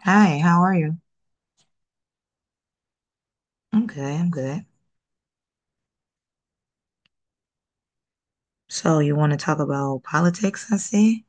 Hi, how are you? I'm good, I'm good. So you want to talk about politics, I see?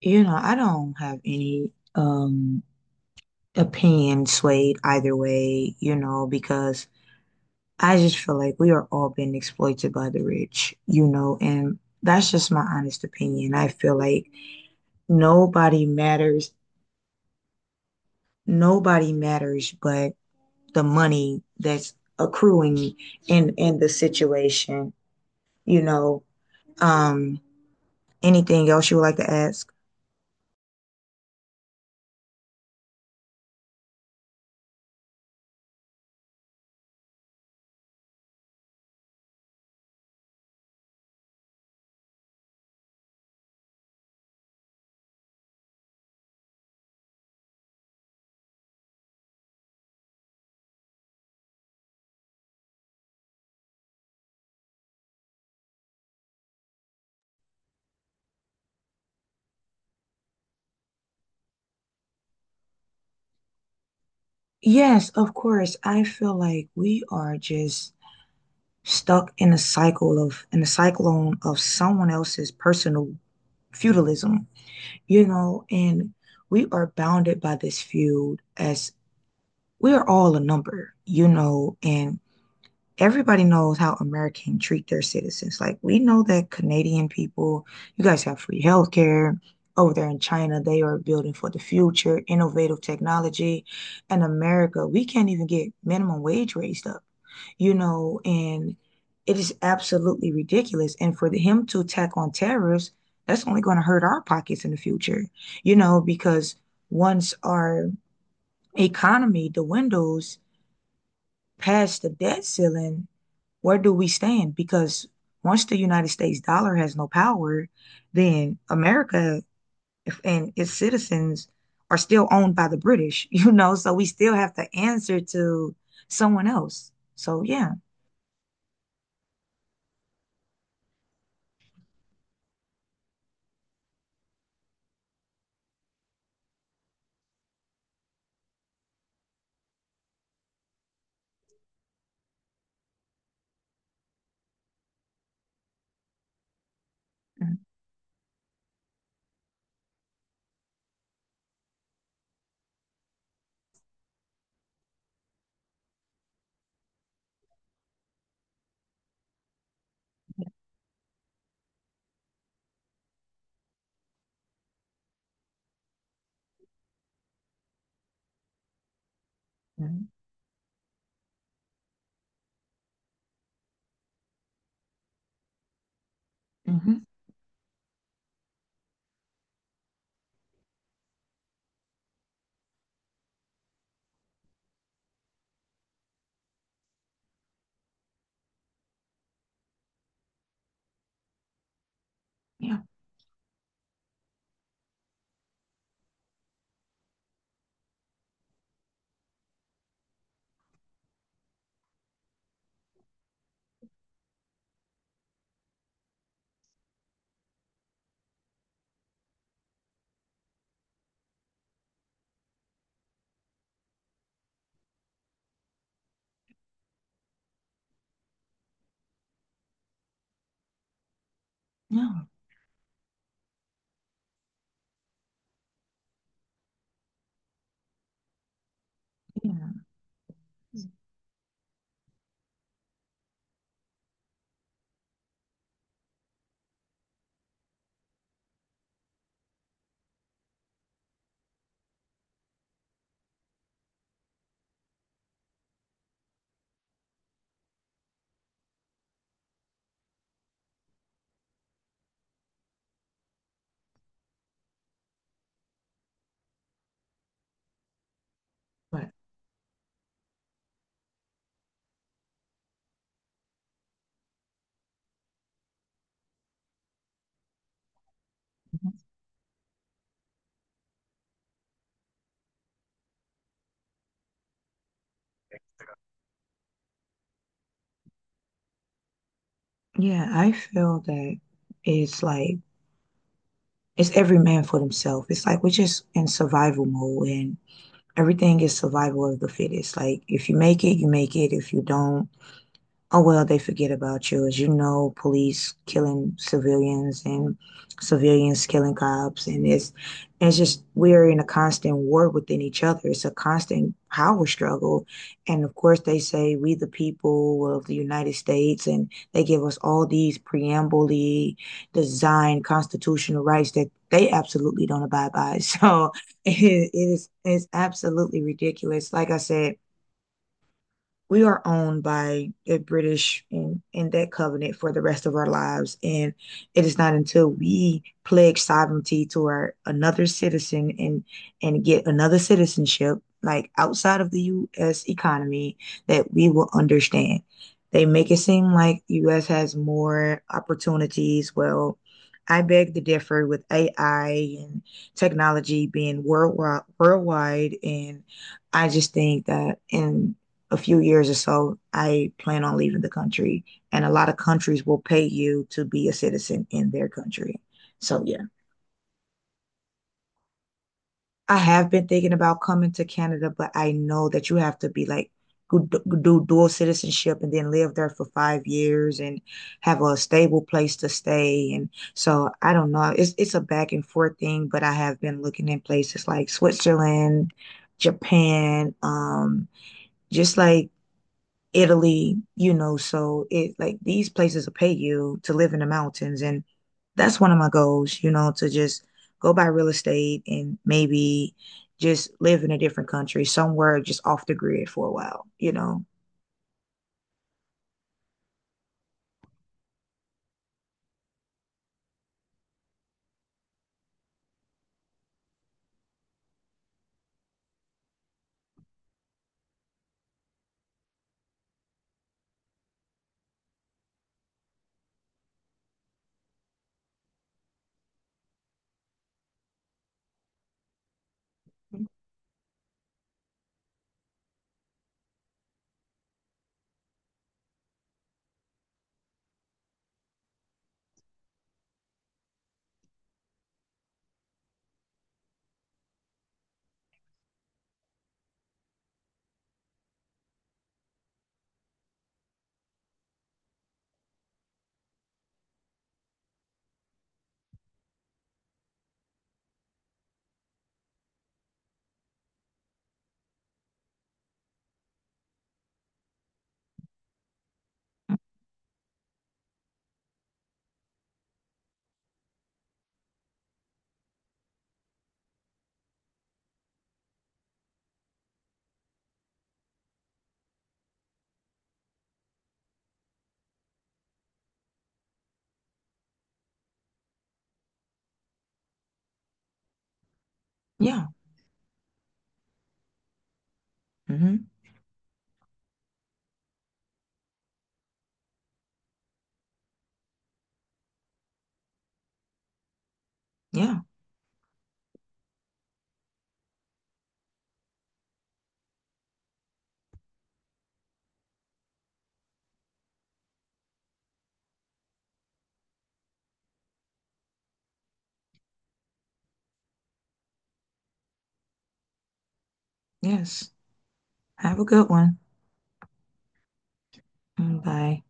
You know, I don't have any opinion swayed either way, you know, because I just feel like we are all being exploited by the rich, you know, and that's just my honest opinion. I feel like nobody matters, nobody matters but the money that's accruing in the situation, you know. Um, anything else you would like to add? Yes, of course. I feel like we are just stuck in a cycle of in a cyclone of someone else's personal feudalism, you know, and we are bounded by this feud as we are all a number, you know, and everybody knows how Americans treat their citizens. Like we know that Canadian people, you guys have free healthcare. Over there in China, they are building for the future, innovative technology. And America, we can't even get minimum wage raised up, you know, and it is absolutely ridiculous. And for him to attack on tariffs, that's only going to hurt our pockets in the future, you know, because once our economy the windows past the debt ceiling, where do we stand? Because once the United States dollar has no power, then America and its citizens are still owned by the British, you know, so we still have to answer to someone else. So yeah. Mm-hmm. Hmm. Yeah. No, yeah. But mm-hmm. Yeah, I feel that it's like it's every man for themselves. It's like we're just in survival mode and everything is survival of the fittest. Like if you make it, you make it. If you don't, oh well, they forget about you as you know police killing civilians and civilians killing cops and it's just we're in a constant war within each other, it's a constant power struggle. And of course they say we the people of the United States and they give us all these preambly designed constitutional rights that they absolutely don't abide by. So it is it's absolutely ridiculous, like I said, we are owned by the British in that covenant for the rest of our lives. And it is not until we pledge sovereignty to our another citizen and get another citizenship, like outside of the US economy, that we will understand. They make it seem like US has more opportunities. Well, I beg to differ with AI and technology being worldwide and I just think that in a few years or so, I plan on leaving the country. And a lot of countries will pay you to be a citizen in their country. So, yeah, I have been thinking about coming to Canada, but I know that you have to be like, do dual citizenship and then live there for 5 years and have a stable place to stay. And so I don't know. It's a back and forth thing, but I have been looking in places like Switzerland, Japan, just like Italy, you know, so it like these places will pay you to live in the mountains. And that's one of my goals, you know, to just go buy real estate and maybe just live in a different country, somewhere just off the grid for a while, you know. Yeah. Hmm. Yeah. Yes. Have a good one. Mm, bye.